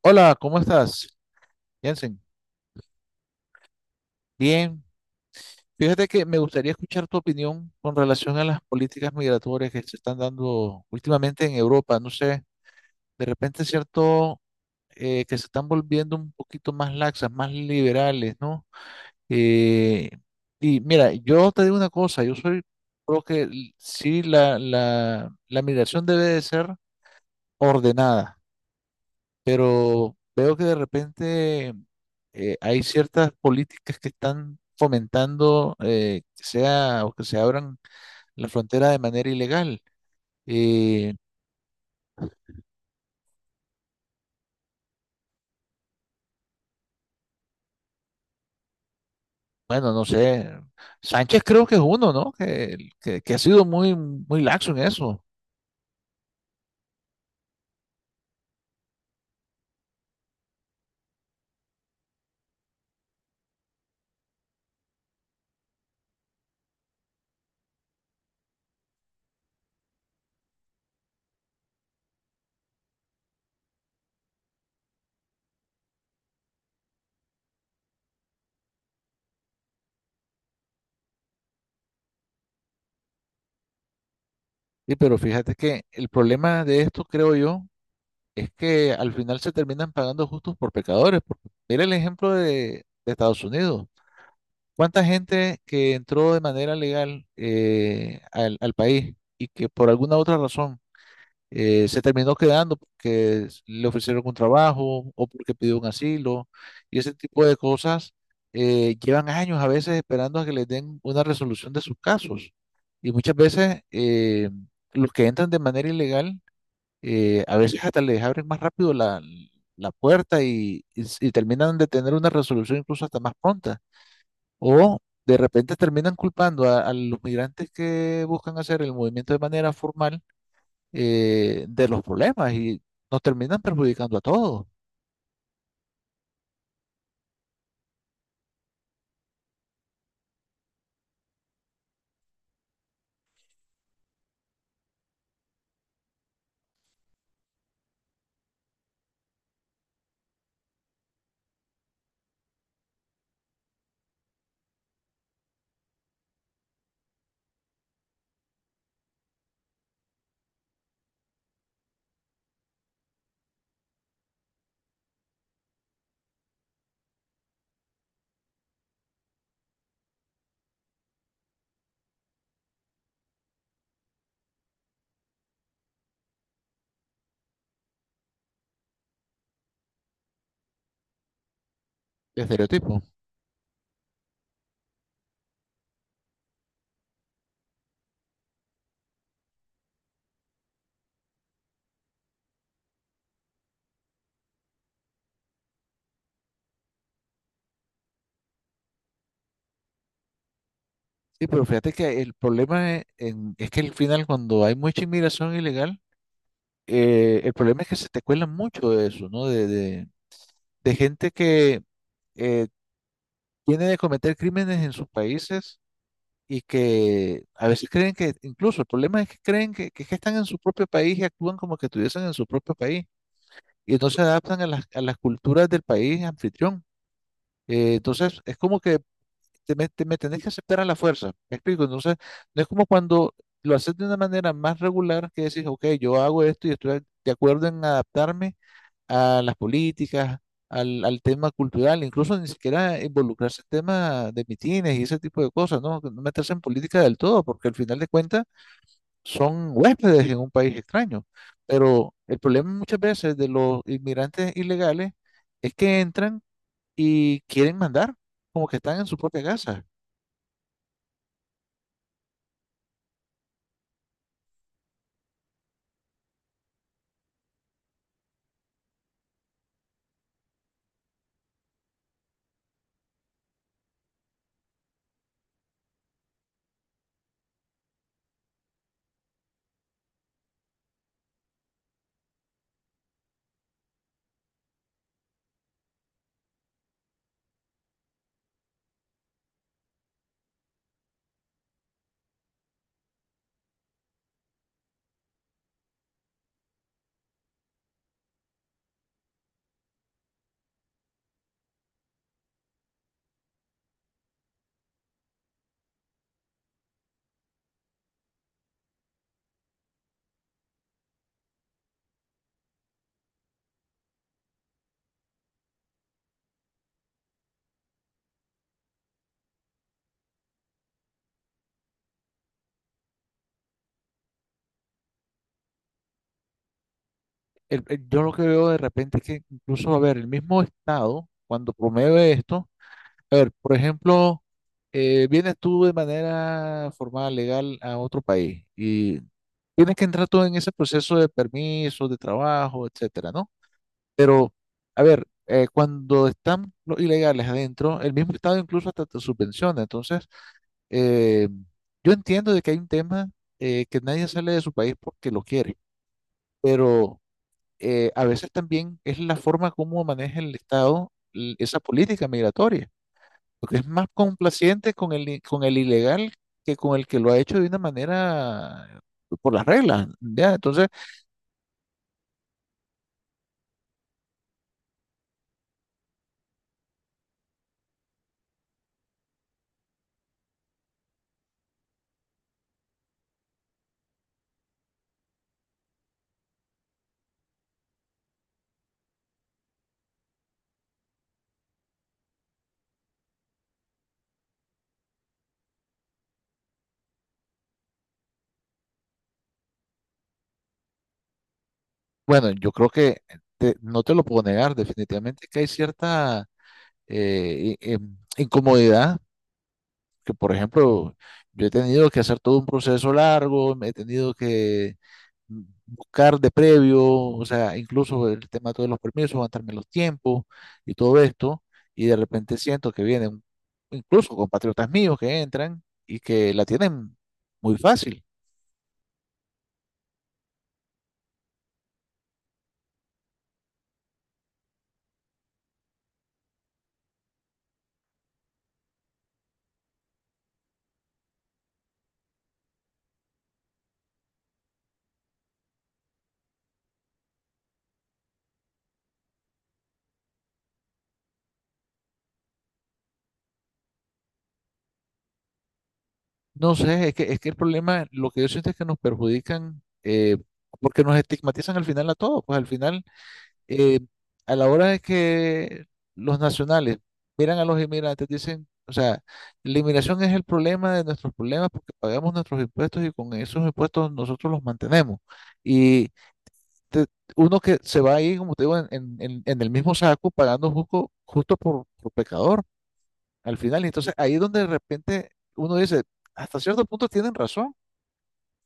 Hola, ¿cómo estás, Jensen? Bien. Fíjate que me gustaría escuchar tu opinión con relación a las políticas migratorias que se están dando últimamente en Europa. No sé, de repente es cierto, que se están volviendo un poquito más laxas, más liberales, ¿no? Eh, y mira, yo te digo una cosa, yo soy, creo que sí, la migración debe de ser ordenada. Pero veo que de repente hay ciertas políticas que están fomentando, que sea o que se abran la frontera de manera ilegal. Y bueno, no sé, Sánchez creo que es uno, ¿no? Que ha sido muy, muy laxo en eso. Sí, pero fíjate que el problema de esto, creo yo, es que al final se terminan pagando justos por pecadores. Porque mira el ejemplo de Estados Unidos. ¿Cuánta gente que entró de manera legal, al país y que por alguna otra razón, se terminó quedando porque le ofrecieron un trabajo o porque pidió un asilo y ese tipo de cosas, llevan años a veces esperando a que les den una resolución de sus casos? Y muchas veces, los que entran de manera ilegal, a veces hasta les abren más rápido la, la puerta y, y terminan de tener una resolución incluso hasta más pronta. O de repente terminan culpando a los migrantes que buscan hacer el movimiento de manera formal, de los problemas y nos terminan perjudicando a todos. Estereotipo. Sí, pero fíjate que el problema es que al final cuando hay mucha inmigración ilegal, el problema es que se te cuela mucho de eso, ¿no? De gente que, eh, tiene de cometer crímenes en sus países y que a veces creen que, incluso el problema es que creen que es que están en su propio país y actúan como que estuviesen en su propio país y entonces se adaptan a las culturas del país anfitrión. Entonces es como que me tenés que aceptar a la fuerza. ¿Me explico? Entonces, no es como cuando lo haces de una manera más regular que decís, ok, yo hago esto y estoy de acuerdo en adaptarme a las políticas, al tema cultural, incluso ni siquiera involucrarse en temas de mitines y ese tipo de cosas, ¿no? No meterse en política del todo, porque al final de cuentas son huéspedes en un país extraño. Pero el problema muchas veces de los inmigrantes ilegales es que entran y quieren mandar, como que están en su propia casa. Yo lo que veo de repente es que incluso, a ver, el mismo Estado, cuando promueve esto, a ver, por ejemplo, vienes tú de manera formal, legal, a otro país y tienes que entrar todo en ese proceso de permisos, de trabajo, etcétera, ¿no? Pero, a ver, cuando están los ilegales adentro, el mismo Estado incluso hasta te subvenciona. Entonces, eh, yo entiendo de que hay un tema, que nadie sale de su país porque lo quiere, pero, a veces también es la forma como maneja el Estado esa política migratoria, porque es más complaciente con con el ilegal que con el que lo ha hecho de una manera por las reglas, ¿ya? Entonces, bueno, yo creo que no te lo puedo negar, definitivamente que hay cierta incomodidad, que por ejemplo, yo he tenido que hacer todo un proceso largo, me he tenido que buscar de previo, o sea, incluso el tema de todos los permisos, aguantarme los tiempos y todo esto, y de repente siento que vienen incluso compatriotas míos que entran y que la tienen muy fácil. No sé, es que el problema, lo que yo siento es que nos perjudican, porque nos estigmatizan al final a todos, pues al final, eh, a la hora de que los nacionales miran a los inmigrantes, dicen, o sea, la inmigración es el problema de nuestros problemas porque pagamos nuestros impuestos y con esos impuestos nosotros los mantenemos. Y te- uno que se va ahí, como te digo, en el mismo saco, pagando justo, justo por pecador al final. Y entonces ahí es donde de repente uno dice, hasta cierto punto tienen razón,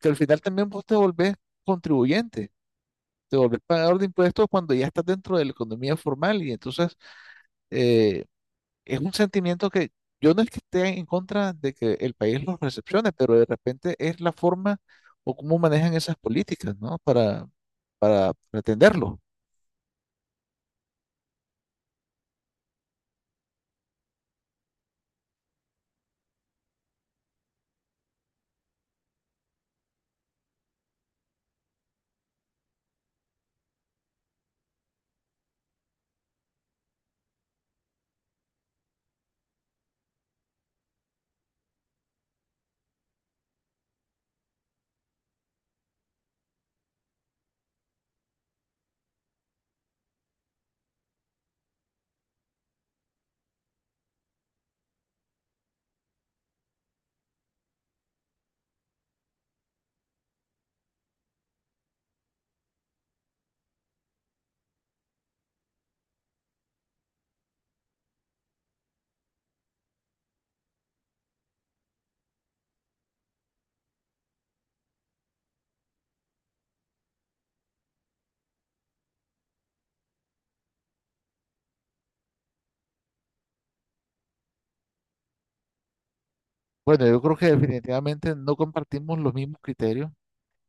que al final también vos te volvés contribuyente. Te volvés pagador de impuestos cuando ya estás dentro de la economía formal y entonces, eh, es un sentimiento que yo no es que esté en contra de que el país los recepcione, pero de repente es la forma o cómo manejan esas políticas, ¿no? Para atenderlo. Bueno, yo creo que definitivamente no compartimos los mismos criterios.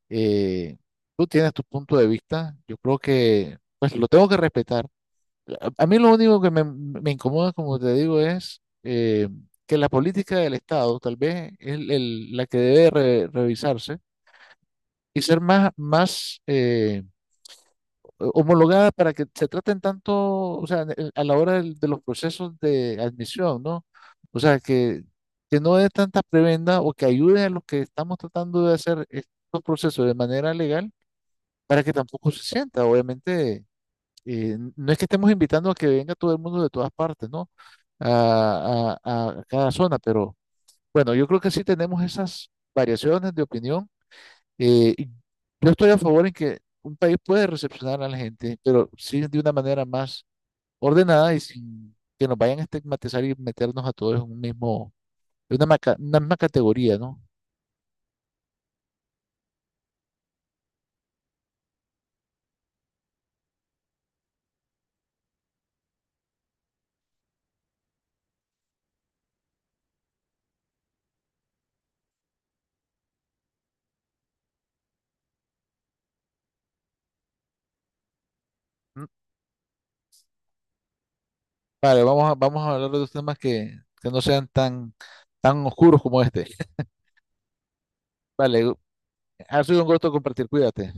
Eh, tú tienes tu punto de vista, yo creo que pues lo tengo que respetar. A mí lo único que me incomoda, como te digo, es, que la política del Estado tal vez es la que debe revisarse y ser más, más, homologada para que se traten tanto, o sea, a la hora de los procesos de admisión, ¿no? O sea, que no dé tanta prebenda o que ayude a los que estamos tratando de hacer estos procesos de manera legal para que tampoco se sienta, obviamente, no es que estemos invitando a que venga todo el mundo de todas partes, ¿no? A cada zona, pero bueno, yo creo que sí tenemos esas variaciones de opinión, y yo estoy a favor en que un país puede recepcionar a la gente, pero sí de una manera más ordenada y sin que nos vayan a estigmatizar y meternos a todos en un mismo, en una, una misma categoría, ¿no? Mm. Vale, vamos a, vamos a hablar de los temas que no sean tan, tan oscuros como este. Vale, ha sido un gusto compartir, cuídate.